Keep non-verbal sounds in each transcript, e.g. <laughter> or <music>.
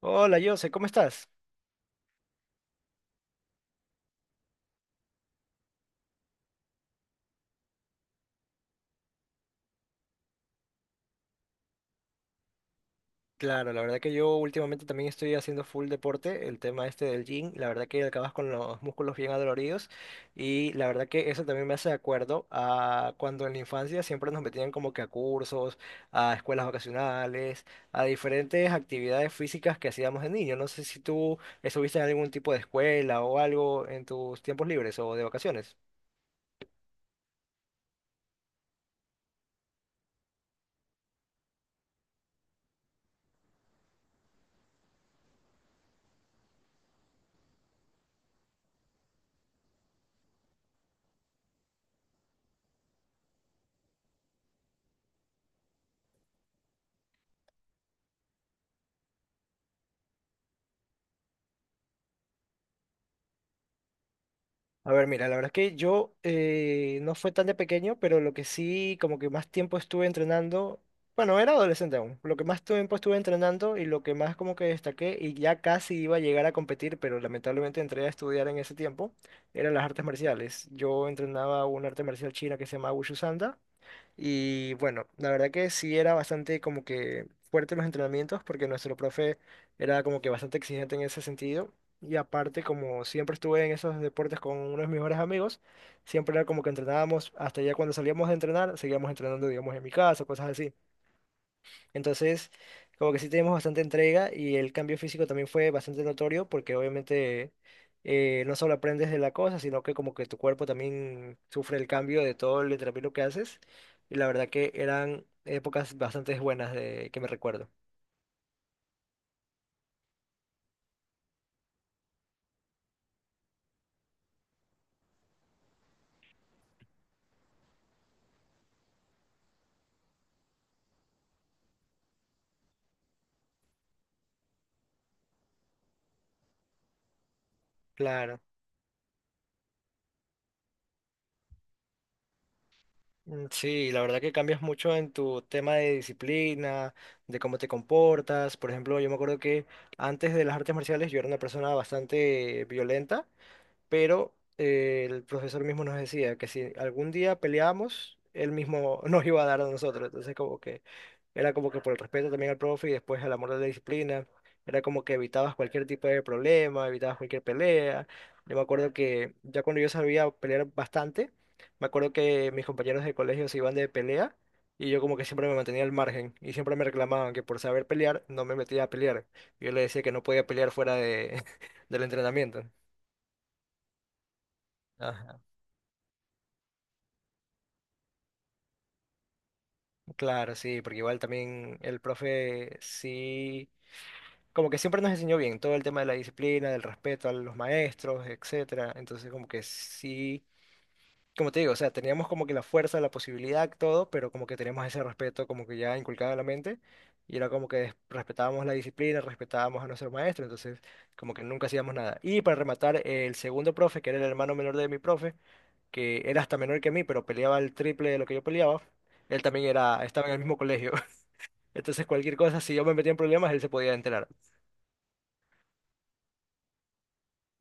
Hola, Jose, ¿cómo estás? Claro, la verdad que yo últimamente también estoy haciendo full deporte, el tema este del gym, la verdad que acabas con los músculos bien adoloridos y la verdad que eso también me hace de acuerdo a cuando en la infancia siempre nos metían como que a cursos, a escuelas vacacionales, a diferentes actividades físicas que hacíamos de niño. No sé si tú estuviste en algún tipo de escuela o algo en tus tiempos libres o de vacaciones. A ver, mira, la verdad es que yo no fue tan de pequeño, pero lo que sí, como que más tiempo estuve entrenando, bueno, era adolescente aún, lo que más tiempo estuve entrenando y lo que más como que destaqué y ya casi iba a llegar a competir, pero lamentablemente entré a estudiar en ese tiempo, eran las artes marciales. Yo entrenaba una arte marcial china que se llama Wushu Sanda y bueno, la verdad que sí era bastante como que fuerte los entrenamientos porque nuestro profe era como que bastante exigente en ese sentido. Y aparte, como siempre estuve en esos deportes con uno de mis mejores amigos, siempre era como que entrenábamos, hasta ya cuando salíamos de entrenar, seguíamos entrenando, digamos, en mi casa, cosas así. Entonces, como que sí tenemos bastante entrega y el cambio físico también fue bastante notorio porque obviamente no solo aprendes de la cosa, sino que como que tu cuerpo también sufre el cambio de todo el entrenamiento que haces. Y la verdad que eran épocas bastante buenas de que me recuerdo. Claro. Mm, sí, la verdad que cambias mucho en tu tema de disciplina, de cómo te comportas. Por ejemplo, yo me acuerdo que antes de las artes marciales yo era una persona bastante violenta pero el profesor mismo nos decía que si algún día peleábamos, él mismo <laughs> nos iba a dar a nosotros. Entonces, como que era como que por el respeto también al profe y después al amor de la disciplina, era como que evitabas cualquier tipo de problema, evitabas cualquier pelea. Yo me acuerdo que ya cuando yo sabía pelear bastante, me acuerdo que mis compañeros de colegio se iban de pelea. Y yo como que siempre me mantenía al margen y siempre me reclamaban que por saber pelear no me metía a pelear. Yo le decía que no podía pelear <laughs> del entrenamiento. Claro, sí, porque igual también el profe sí, como que siempre nos enseñó bien todo el tema de la disciplina, del respeto a los maestros, etcétera. Entonces, como que sí, como te digo, o sea, teníamos como que la fuerza, la posibilidad, todo, pero como que teníamos ese respeto como que ya inculcado en la mente y era como que respetábamos la disciplina, respetábamos a nuestro maestro, entonces como que nunca hacíamos nada. Y para rematar, el segundo profe, que era el hermano menor de mi profe, que era hasta menor que mí, pero peleaba el triple de lo que yo peleaba, él también era, estaba en el mismo colegio. <laughs> Entonces, cualquier cosa, si yo me metía en problemas, él se podía enterar.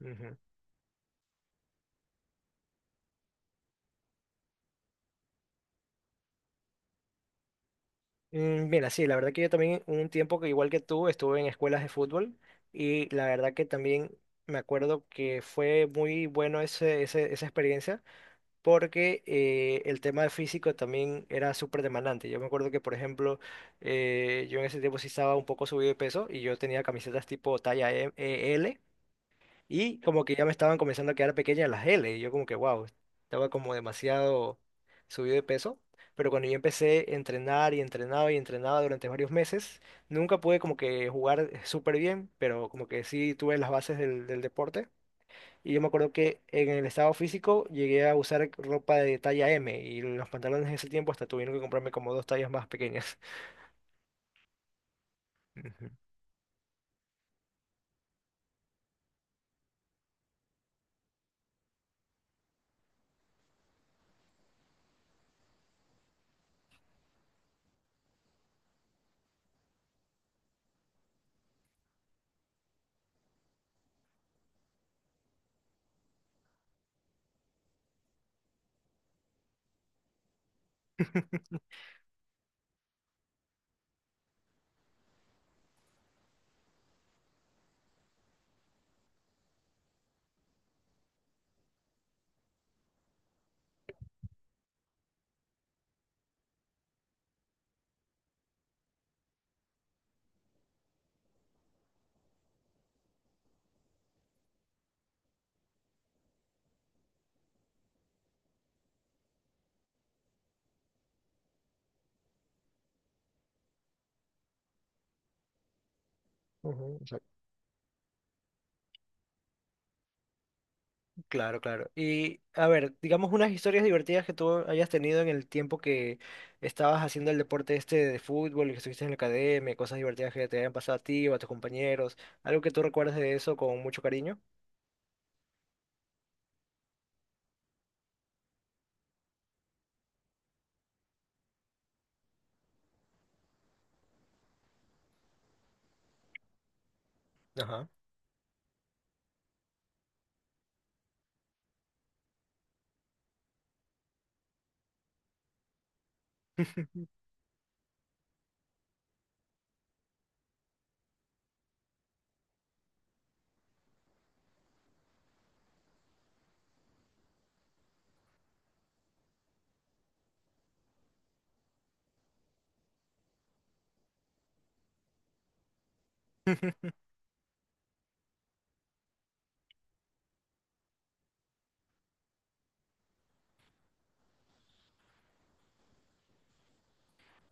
Ujú. Mm, mira, sí, la verdad que yo también un tiempo que igual que tú estuve en escuelas de fútbol y la verdad que también me acuerdo que fue muy bueno esa experiencia porque el tema físico también era súper demandante. Yo me acuerdo que, por ejemplo, yo en ese tiempo sí estaba un poco subido de peso y yo tenía camisetas tipo talla L. Y como que ya me estaban comenzando a quedar pequeñas las L. Y yo como que, wow, estaba como demasiado subido de peso. Pero cuando yo empecé a entrenar y entrenaba durante varios meses, nunca pude como que jugar súper bien, pero como que sí tuve las bases del deporte. Y yo me acuerdo que en el estado físico llegué a usar ropa de talla M y los pantalones en ese tiempo hasta tuvieron que comprarme como dos tallas más pequeñas. <laughs> Ujú. Ujú. Claro, claro. Y a ver, digamos unas historias divertidas que tú hayas tenido en el tiempo que estabas haciendo el deporte este de fútbol y que estuviste en la academia, cosas divertidas que te hayan pasado a ti o a tus compañeros, algo que tú recuerdas de eso con mucho cariño. Ajá.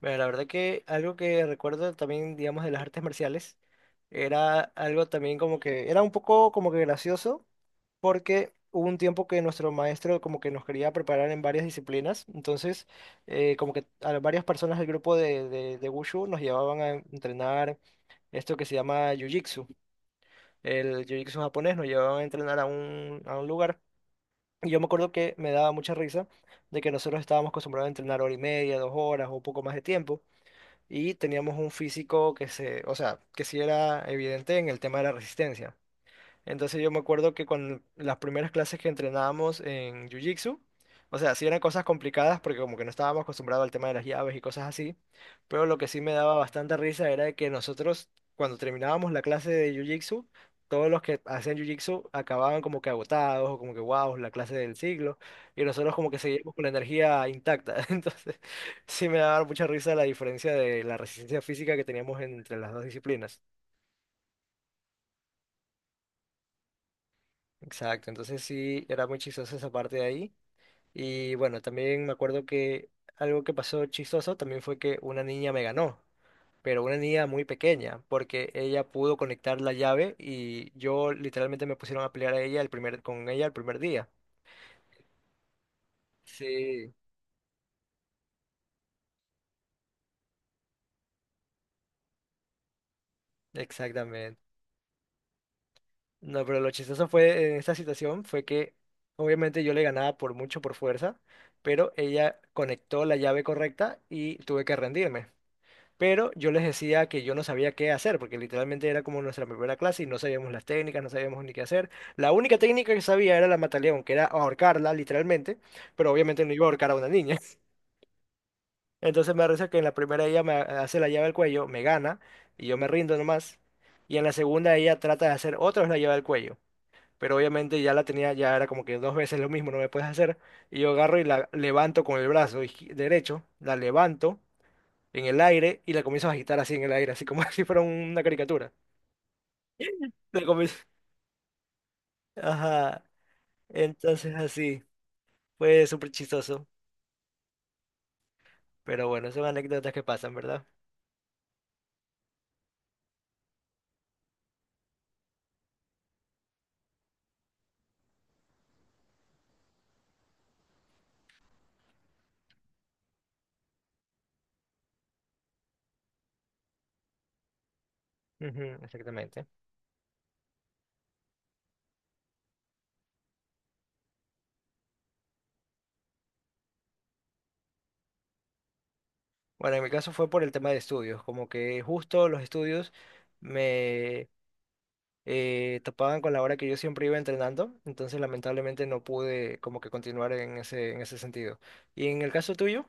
Mira, la verdad que algo que recuerdo también, digamos, de las artes marciales era algo también como que era un poco como que gracioso, porque hubo un tiempo que nuestro maestro como que nos quería preparar en varias disciplinas, entonces como que a varias personas del grupo de Wushu nos llevaban a entrenar esto que se llama Jiu-Jitsu, el Jiu-Jitsu japonés, nos llevaban a entrenar a a un lugar. Y yo me acuerdo que me daba mucha risa de que nosotros estábamos acostumbrados a entrenar hora y media, dos horas o poco más de tiempo, y teníamos un físico que se, o sea, que sí era evidente en el tema de la resistencia. Entonces yo me acuerdo que con las primeras clases que entrenábamos en Jiu-Jitsu, o sea, sí eran cosas complicadas porque como que no estábamos acostumbrados al tema de las llaves y cosas así, pero lo que sí me daba bastante risa era de que nosotros cuando terminábamos la clase de Jiu-Jitsu, todos los que hacían Jiu-Jitsu acababan como que agotados o como que wow, la clase del siglo, y nosotros como que seguíamos con la energía intacta. <laughs> Entonces sí me daba mucha risa la diferencia de la resistencia física que teníamos entre las dos disciplinas. Exacto, entonces sí, era muy chistosa esa parte de ahí. Y bueno, también me acuerdo que algo que pasó chistoso también fue que una niña me ganó, pero una niña muy pequeña, porque ella pudo conectar la llave y yo literalmente me pusieron a pelear a ella el primer, con ella el primer día. Sí, exactamente. No, pero lo chistoso fue en esta situación fue que obviamente yo le ganaba por mucho, por fuerza, pero ella conectó la llave correcta y tuve que rendirme. Pero yo les decía que yo no sabía qué hacer, porque literalmente era como nuestra primera clase y no sabíamos las técnicas, no sabíamos ni qué hacer. La única técnica que sabía era la mataleón, que era ahorcarla, literalmente, pero obviamente no iba a ahorcar a una niña. <laughs> Entonces me parece que en la primera ella me hace la llave al cuello, me gana, y yo me rindo nomás. Y en la segunda ella trata de hacer otra vez la llave al cuello. Pero obviamente ya la tenía, ya era como que dos veces lo mismo, no me puedes hacer. Y yo agarro y la levanto con el brazo derecho, la levanto en el aire y la comienzas a agitar así en el aire, así como <laughs> si fuera una caricatura. La comi- Ajá. Entonces así. Fue súper chistoso. Pero bueno, son anécdotas que pasan, ¿verdad? Ujú, exactamente. Bueno, en mi caso fue por el tema de estudios, como que justo los estudios me topaban con la hora que yo siempre iba entrenando, entonces lamentablemente no pude como que continuar en en ese sentido. ¿Y en el caso tuyo?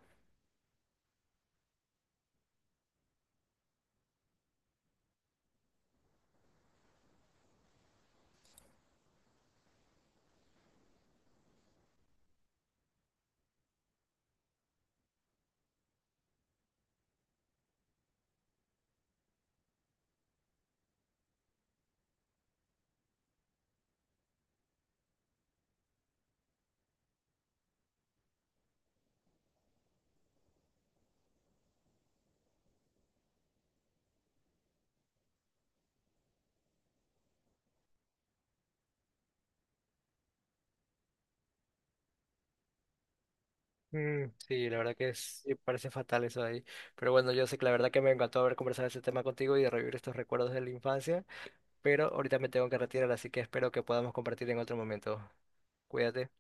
Mm, sí, la verdad que es, sí, parece fatal eso de ahí. Pero bueno, yo sé que la verdad que me encantó haber conversado ese tema contigo y de revivir estos recuerdos de la infancia, pero ahorita me tengo que retirar, así que espero que podamos compartir en otro momento. Cuídate.